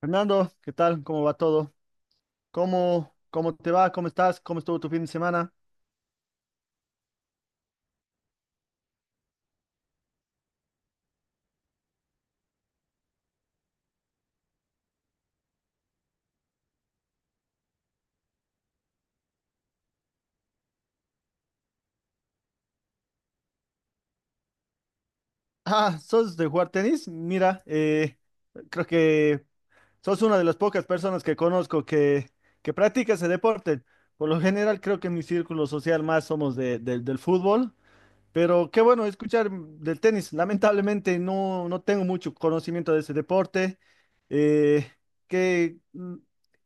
Fernando, ¿qué tal? ¿Cómo va todo? ¿Cómo te va? ¿Cómo estás? ¿Cómo estuvo tu fin de semana? Ah, ¿sos de jugar tenis? Mira, creo que sos una de las pocas personas que conozco que practica ese deporte. Por lo general, creo que en mi círculo social más somos del fútbol. Pero qué bueno escuchar del tenis. Lamentablemente no, no tengo mucho conocimiento de ese deporte. Eh, ¿qué- mm,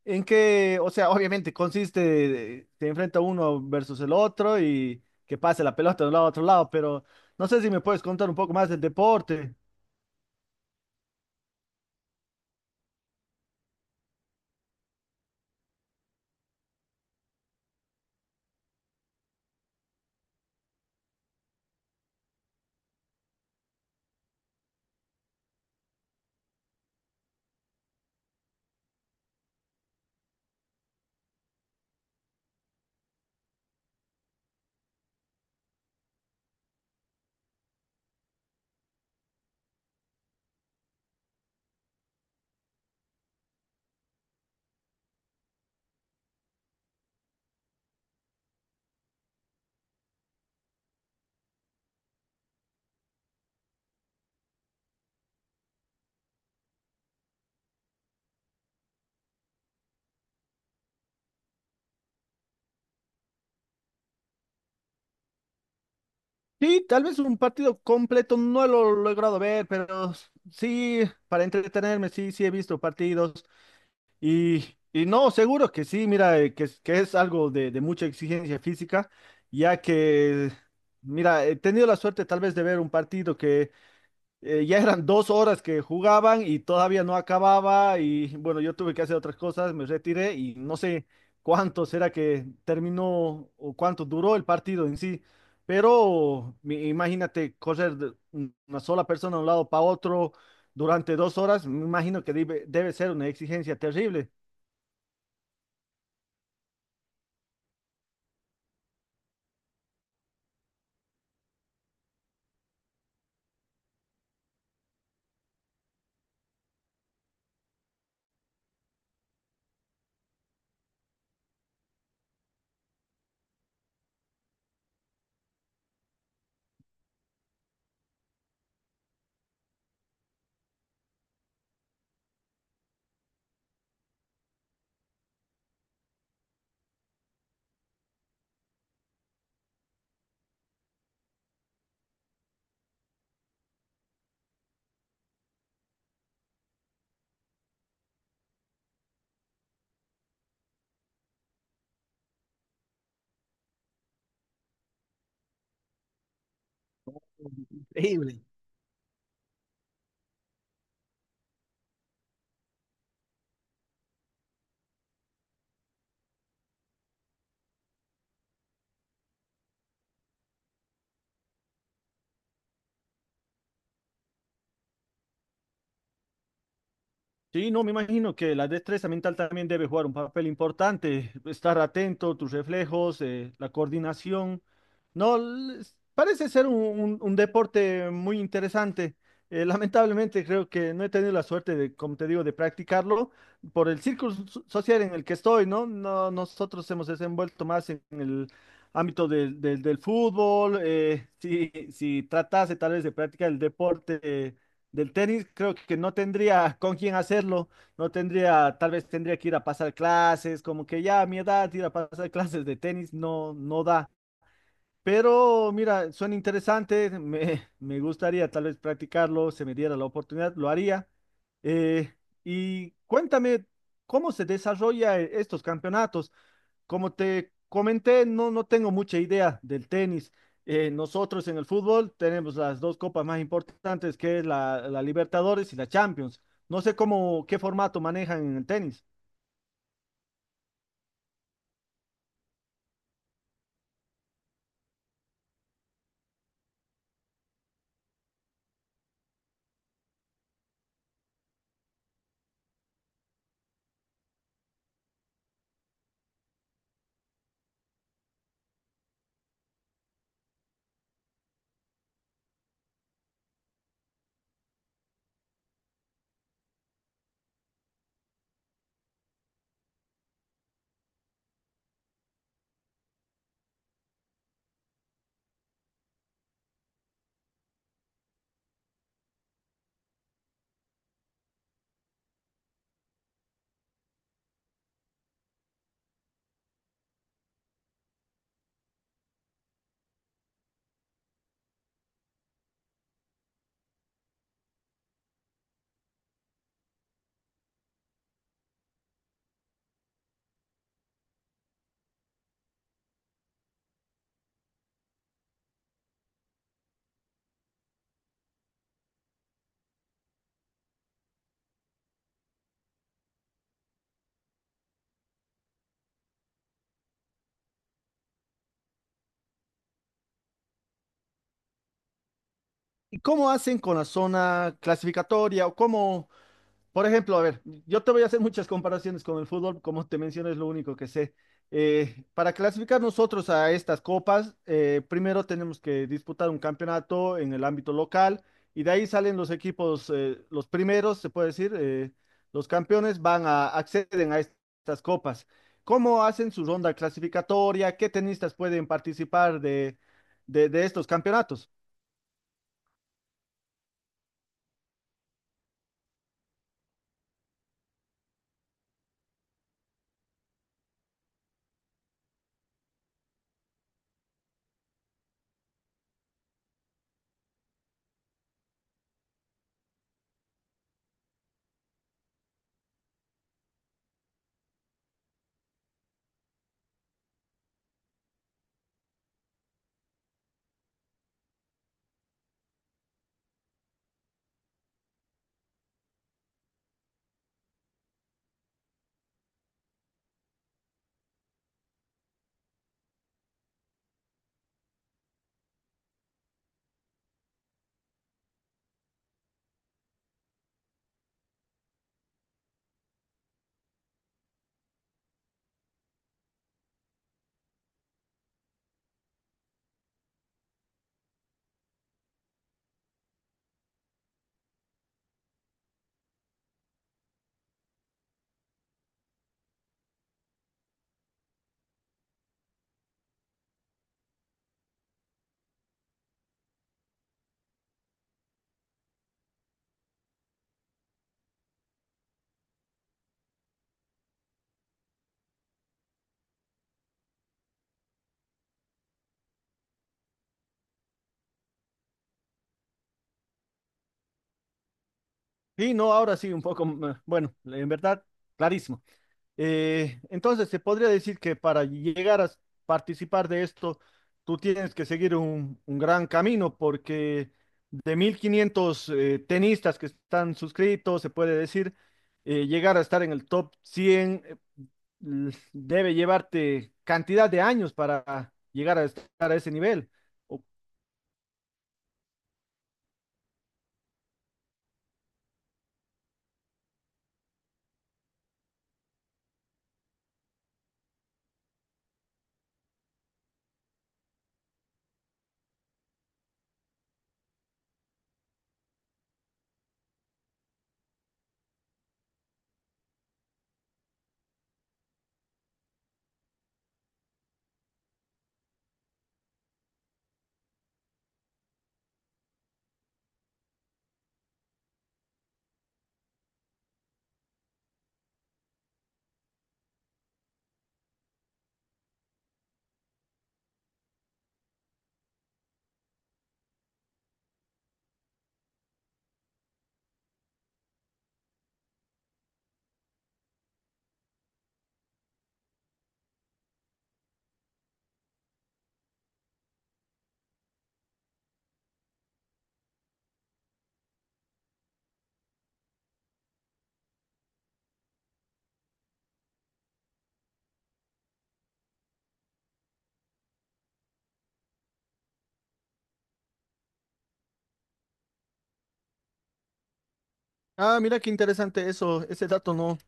o sea, obviamente consiste, se enfrenta uno versus el otro y que pase la pelota de un lado a otro lado, pero no sé si me puedes contar un poco más del deporte. Sí, tal vez un partido completo no lo he logrado ver, pero sí, para entretenerme, sí he visto partidos. Y no, seguro que sí, mira, que es algo de mucha exigencia física, ya que, mira, he tenido la suerte tal vez de ver un partido que ya eran dos horas que jugaban y todavía no acababa y bueno, yo tuve que hacer otras cosas, me retiré y no sé cuánto será que terminó o cuánto duró el partido en sí, pero imagínate correr de una sola persona de un lado para otro durante dos horas, me imagino que debe ser una exigencia terrible. Increíble. Sí, no, me imagino que la destreza mental también debe jugar un papel importante. Estar atento, tus reflejos, la coordinación. No, parece ser un, un deporte muy interesante. Lamentablemente creo que no he tenido la suerte de, como te digo, de practicarlo por el círculo social en el que estoy, ¿no? No, nosotros hemos desenvuelto más en el ámbito del del fútbol. Si tratase tal vez de practicar el deporte. Del tenis creo que no tendría con quién hacerlo, no tendría, tal vez tendría que ir a pasar clases, como que ya a mi edad ir a pasar clases de tenis no, no da. Pero mira, suena interesante, me gustaría tal vez practicarlo, se me diera la oportunidad, lo haría. Eh, y cuéntame, ¿cómo se desarrolla estos campeonatos? Como te comenté, no, no tengo mucha idea del tenis. Nosotros en el fútbol tenemos las dos copas más importantes, que es la Libertadores y la Champions. No sé cómo, qué formato manejan en el tenis. ¿Y cómo hacen con la zona clasificatoria por ejemplo? A ver, yo te voy a hacer muchas comparaciones con el fútbol, como te mencioné, es lo único que sé. Para clasificar nosotros a estas copas, primero tenemos que disputar un campeonato en el ámbito local y de ahí salen los equipos, los primeros, se puede decir, los campeones van a acceden a estas copas. ¿Cómo hacen su ronda clasificatoria? ¿Qué tenistas pueden participar de, de estos campeonatos? Y no, ahora sí, un poco, bueno, en verdad, clarísimo. Entonces, se podría decir que para llegar a participar de esto, tú tienes que seguir un gran camino porque de 1.500 tenistas que están suscritos, se puede decir, llegar a estar en el top 100 debe llevarte cantidad de años para llegar a estar a ese nivel. O- Ah, mira qué interesante eso, ese dato no,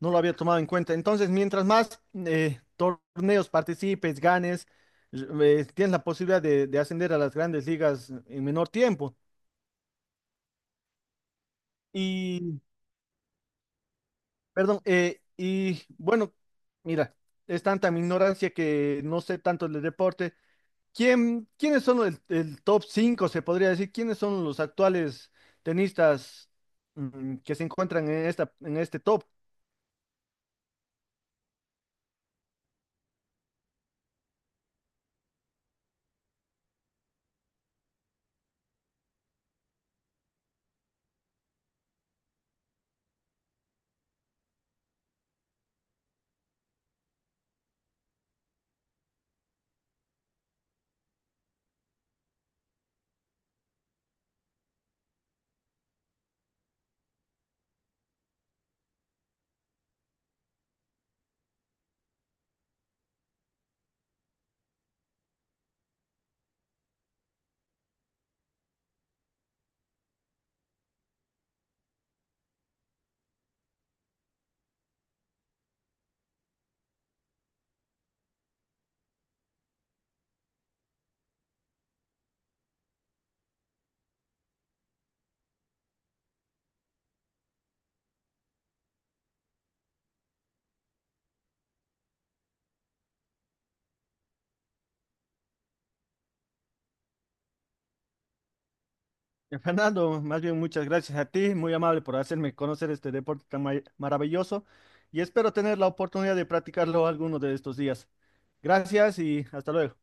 no lo había tomado en cuenta. Entonces, mientras más torneos participes, ganes, tienes la posibilidad de, ascender a las grandes ligas en menor tiempo. Y, perdón, y bueno, mira, es tanta mi ignorancia que no sé tanto del deporte. ¿Quién, quiénes son el top 5 se podría decir? ¿Quiénes son los actuales tenistas que se encuentran en esta, en este top? Fernando, más bien muchas gracias a ti, muy amable por hacerme conocer este deporte tan maravilloso y espero tener la oportunidad de practicarlo alguno de estos días. Gracias y hasta luego.